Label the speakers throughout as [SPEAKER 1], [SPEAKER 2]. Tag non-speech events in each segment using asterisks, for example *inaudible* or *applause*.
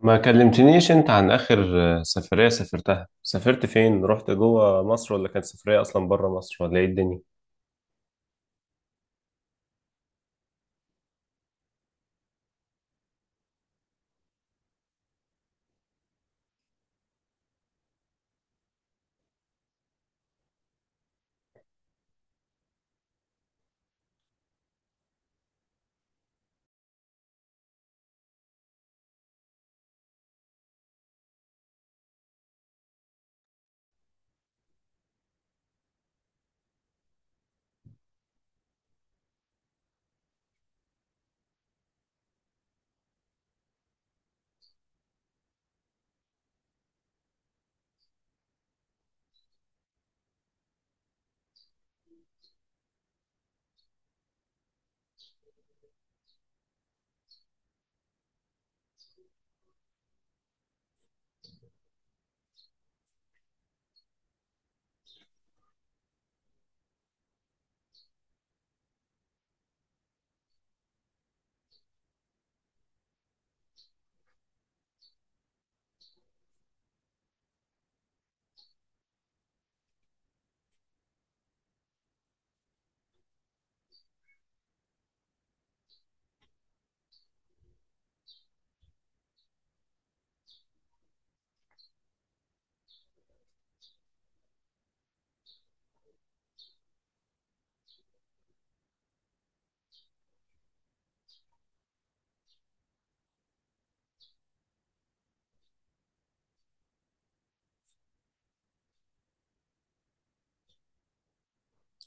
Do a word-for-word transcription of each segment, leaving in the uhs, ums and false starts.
[SPEAKER 1] ما كلمتنيش انت عن اخر سفرية سافرتها. سافرت فين؟ رحت جوه مصر ولا كانت سفرية اصلا بره مصر، ولا ايه الدنيا؟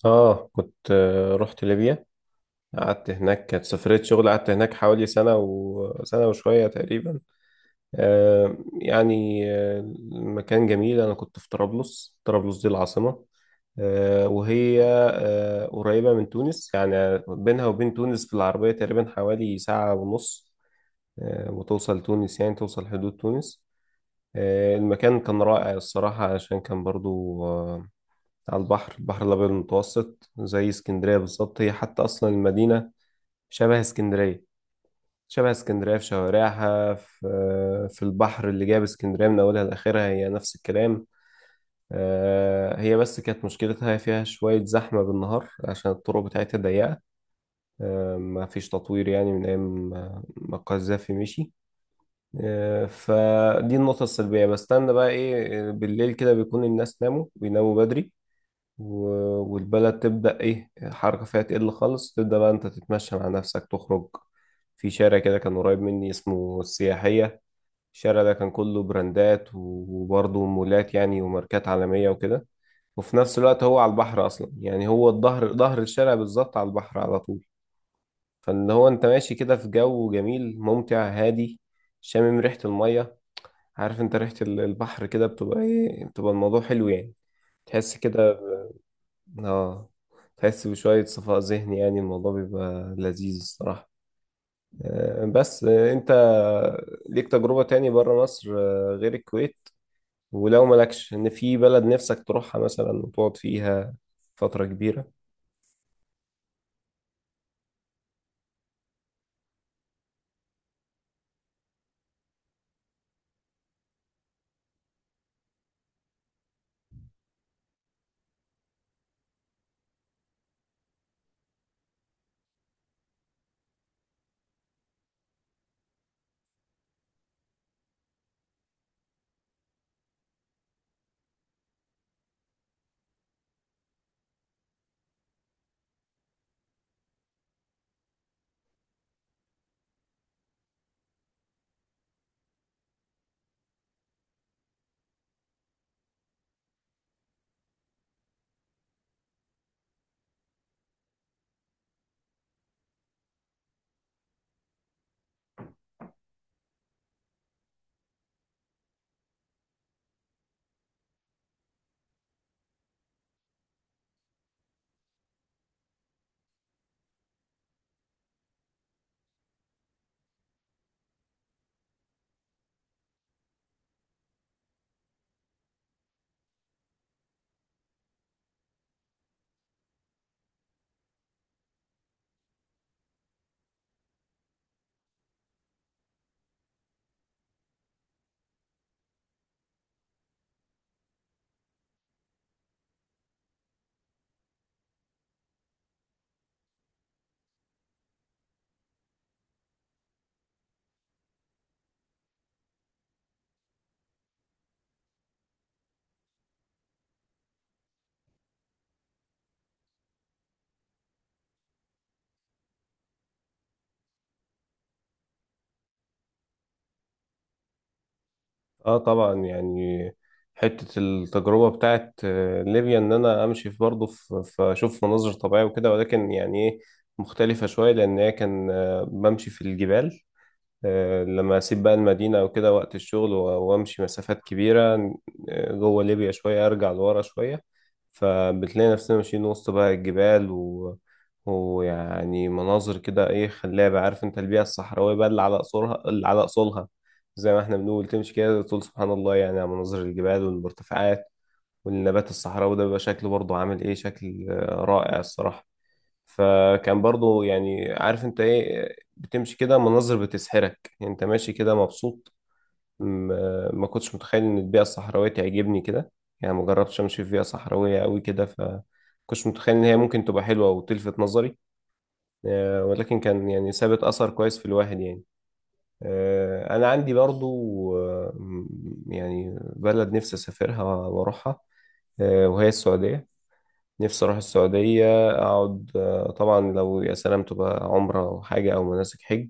[SPEAKER 1] اه، كنت آه، رحت ليبيا. قعدت هناك، كانت سفرية شغل. قعدت هناك حوالي سنة وسنة وشوية تقريبا. آه يعني آه، المكان جميل. انا كنت في طرابلس. طرابلس دي العاصمة، آه، وهي آه، قريبة من تونس. يعني بينها وبين تونس في العربية تقريبا حوالي ساعة ونص، آه، وتوصل تونس، يعني توصل حدود تونس. آه، المكان كان رائع الصراحة، علشان كان برضو آه، على البحر، البحر الأبيض المتوسط، زي اسكندرية بالظبط. هي حتى أصلا المدينة شبه اسكندرية. شبه اسكندرية في شوارعها، في آه، في البحر اللي جاب اسكندرية من أولها لآخرها، هي نفس الكلام. آه، هي بس كانت مشكلتها فيها شوية زحمة بالنهار، عشان الطرق بتاعتها ضيقة. آه، ما فيش تطوير يعني من أيام ما ما القذافي مشي. آه، فدي النقطة السلبية. بستنى بقى ايه؟ آه، بالليل كده بيكون الناس ناموا، بيناموا بدري، و- والبلد تبدأ ايه، الحركة فيها تقل خالص. تبدأ بقى انت تتمشى مع نفسك، تخرج في شارع كده كان قريب مني، اسمه السياحية. الشارع ده كان كله براندات وبرضه مولات يعني، وماركات عالمية وكده. وفي نفس الوقت هو على البحر أصلا، يعني هو الظهر ظهر الشارع بالظبط على البحر على طول. فاللي هو انت ماشي كده في جو جميل ممتع هادي، شامم ريحة المية. عارف انت ريحة ال- البحر كده بتبقى ايه؟ بتبقى الموضوع حلو يعني، تحس كده. اه، تحس بشوية صفاء ذهني. يعني الموضوع بيبقى لذيذ الصراحة. آه، بس آه، انت ليك تجربة تاني بره مصر آه، غير الكويت؟ ولو مالكش، ان في بلد نفسك تروحها مثلا وتقعد فيها فترة كبيرة؟ اه طبعا. يعني حتة التجربة بتاعت آه، ليبيا، ان انا امشي في برضه في في- اشوف مناظر طبيعية وكده، ولكن يعني ايه، مختلفة شوية، لان هي كان آه، بمشي في الجبال. آه، لما اسيب بقى المدينه او كده وقت الشغل، و- وامشي مسافات كبيره آه، جوه ليبيا شويه، ارجع لورا شويه. فبتلاقي نفسنا ماشيين وسط بقى الجبال و... ويعني مناظر كده ايه، خلابه. عارف انت البيئه الصحراويه بقى، اللي على اصولها اللي على اصولها، زي ما احنا بنقول، تمشي كده تقول سبحان الله يعني، على مناظر الجبال والمرتفعات والنبات الصحراوي. ده بيبقى شكله برضه عامل ايه، شكل آه، رائع الصراحه. فكان برضو يعني، عارف انت ايه، بتمشي كده مناظر بتسحرك يعني، انت ماشي كده مبسوط. ما ما كنتش متخيل ان البيئة الصحراوية تعجبني كده. يعني ما جربتش امشي في بيئة صحراوية قوي كده، ف كنتش متخيل ان هي ممكن تبقى حلوة وتلفت نظري. آه، ولكن كان يعني سابت اثر كويس في الواحد يعني. آه، انا عندي برضو آه، م- يعني بلد نفسي اسافرها واروحها، آه، وهي السعودية. نفسي أروح السعودية أقعد. آه، طبعا لو يا سلام تبقى عمرة أو حاجة، أو مناسك حج،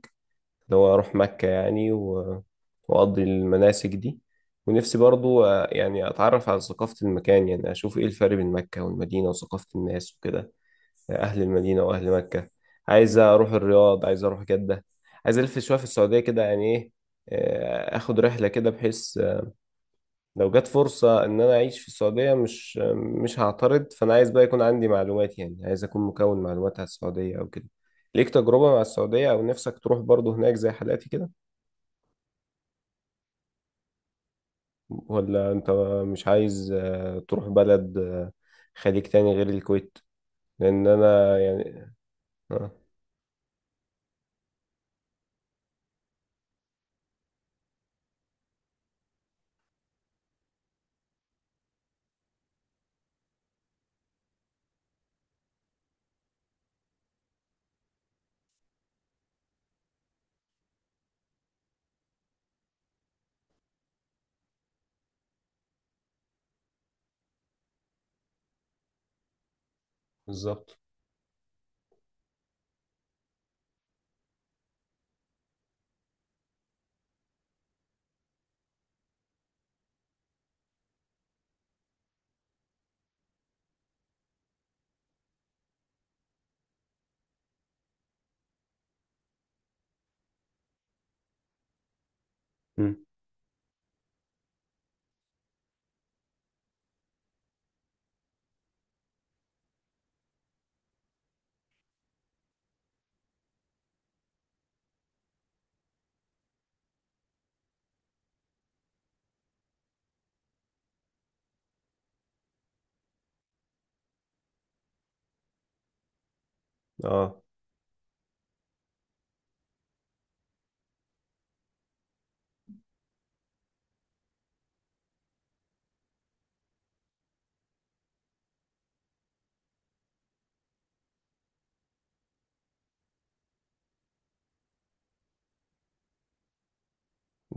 [SPEAKER 1] اللي هو أروح مكة يعني، و- وأقضي المناسك دي. ونفسي برضو آه، يعني أتعرف على ثقافة المكان، يعني أشوف إيه الفرق بين مكة والمدينة وثقافة الناس وكده، أهل المدينة وأهل مكة. عايز أروح الرياض، عايز أروح جدة، عايز ألف شوية في السعودية كده. يعني إيه، آه، آخد رحلة كده، بحيث لو جت فرصة إن أنا أعيش في السعودية، مش مش هعترض. فأنا عايز بقى يكون عندي معلومات، يعني عايز أكون مكون معلومات على السعودية أو كده. ليك تجربة مع السعودية، أو نفسك تروح برضه هناك زي حالاتي كده؟ ولا أنت مش عايز آه، تروح بلد آه، خليج تاني غير الكويت؟ لأن أنا يعني. آه. بالظبط. مم. آه.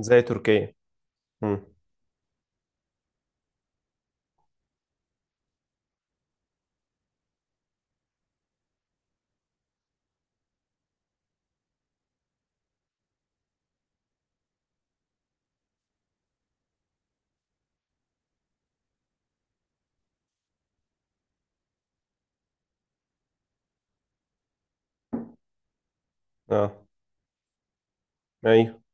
[SPEAKER 1] زي تركيا. مم. آه. أيوه.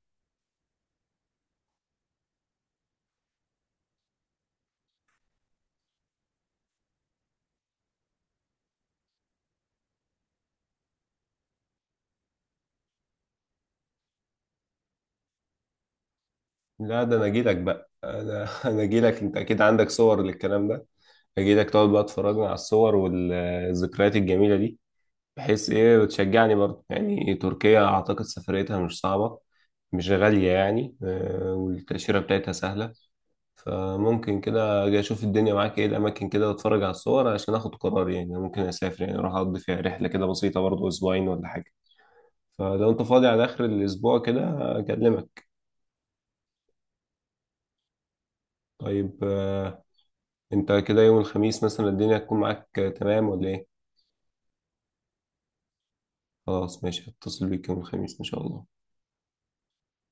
[SPEAKER 1] لا، ده انا اجيلك بقى، انا *laughs* انا اجيلك، انت اكيد عندك صور للكلام ده. اجيلك تقعد بقى تفرجنا على الصور والذكريات الجميله دي، بحيث ايه، وتشجعني برضه. يعني تركيا اعتقد سفريتها مش صعبه، مش غاليه يعني، آه، والتاشيره بتاعتها سهله. فممكن كده اجي اشوف الدنيا معاك، ايه الاماكن كده، واتفرج على الصور عشان اخد قرار. يعني ممكن اسافر، يعني اروح اقضي فيها رحله كده بسيطه برضه، اسبوعين ولا حاجه. فلو انت فاضي على اخر الاسبوع كده، اكلمك. طيب آه، انت كده يوم الخميس مثلا الدنيا هتكون معاك آه، تمام ولا ايه؟ خلاص ماشي، هتصل بيك يوم الخميس ان شاء الله.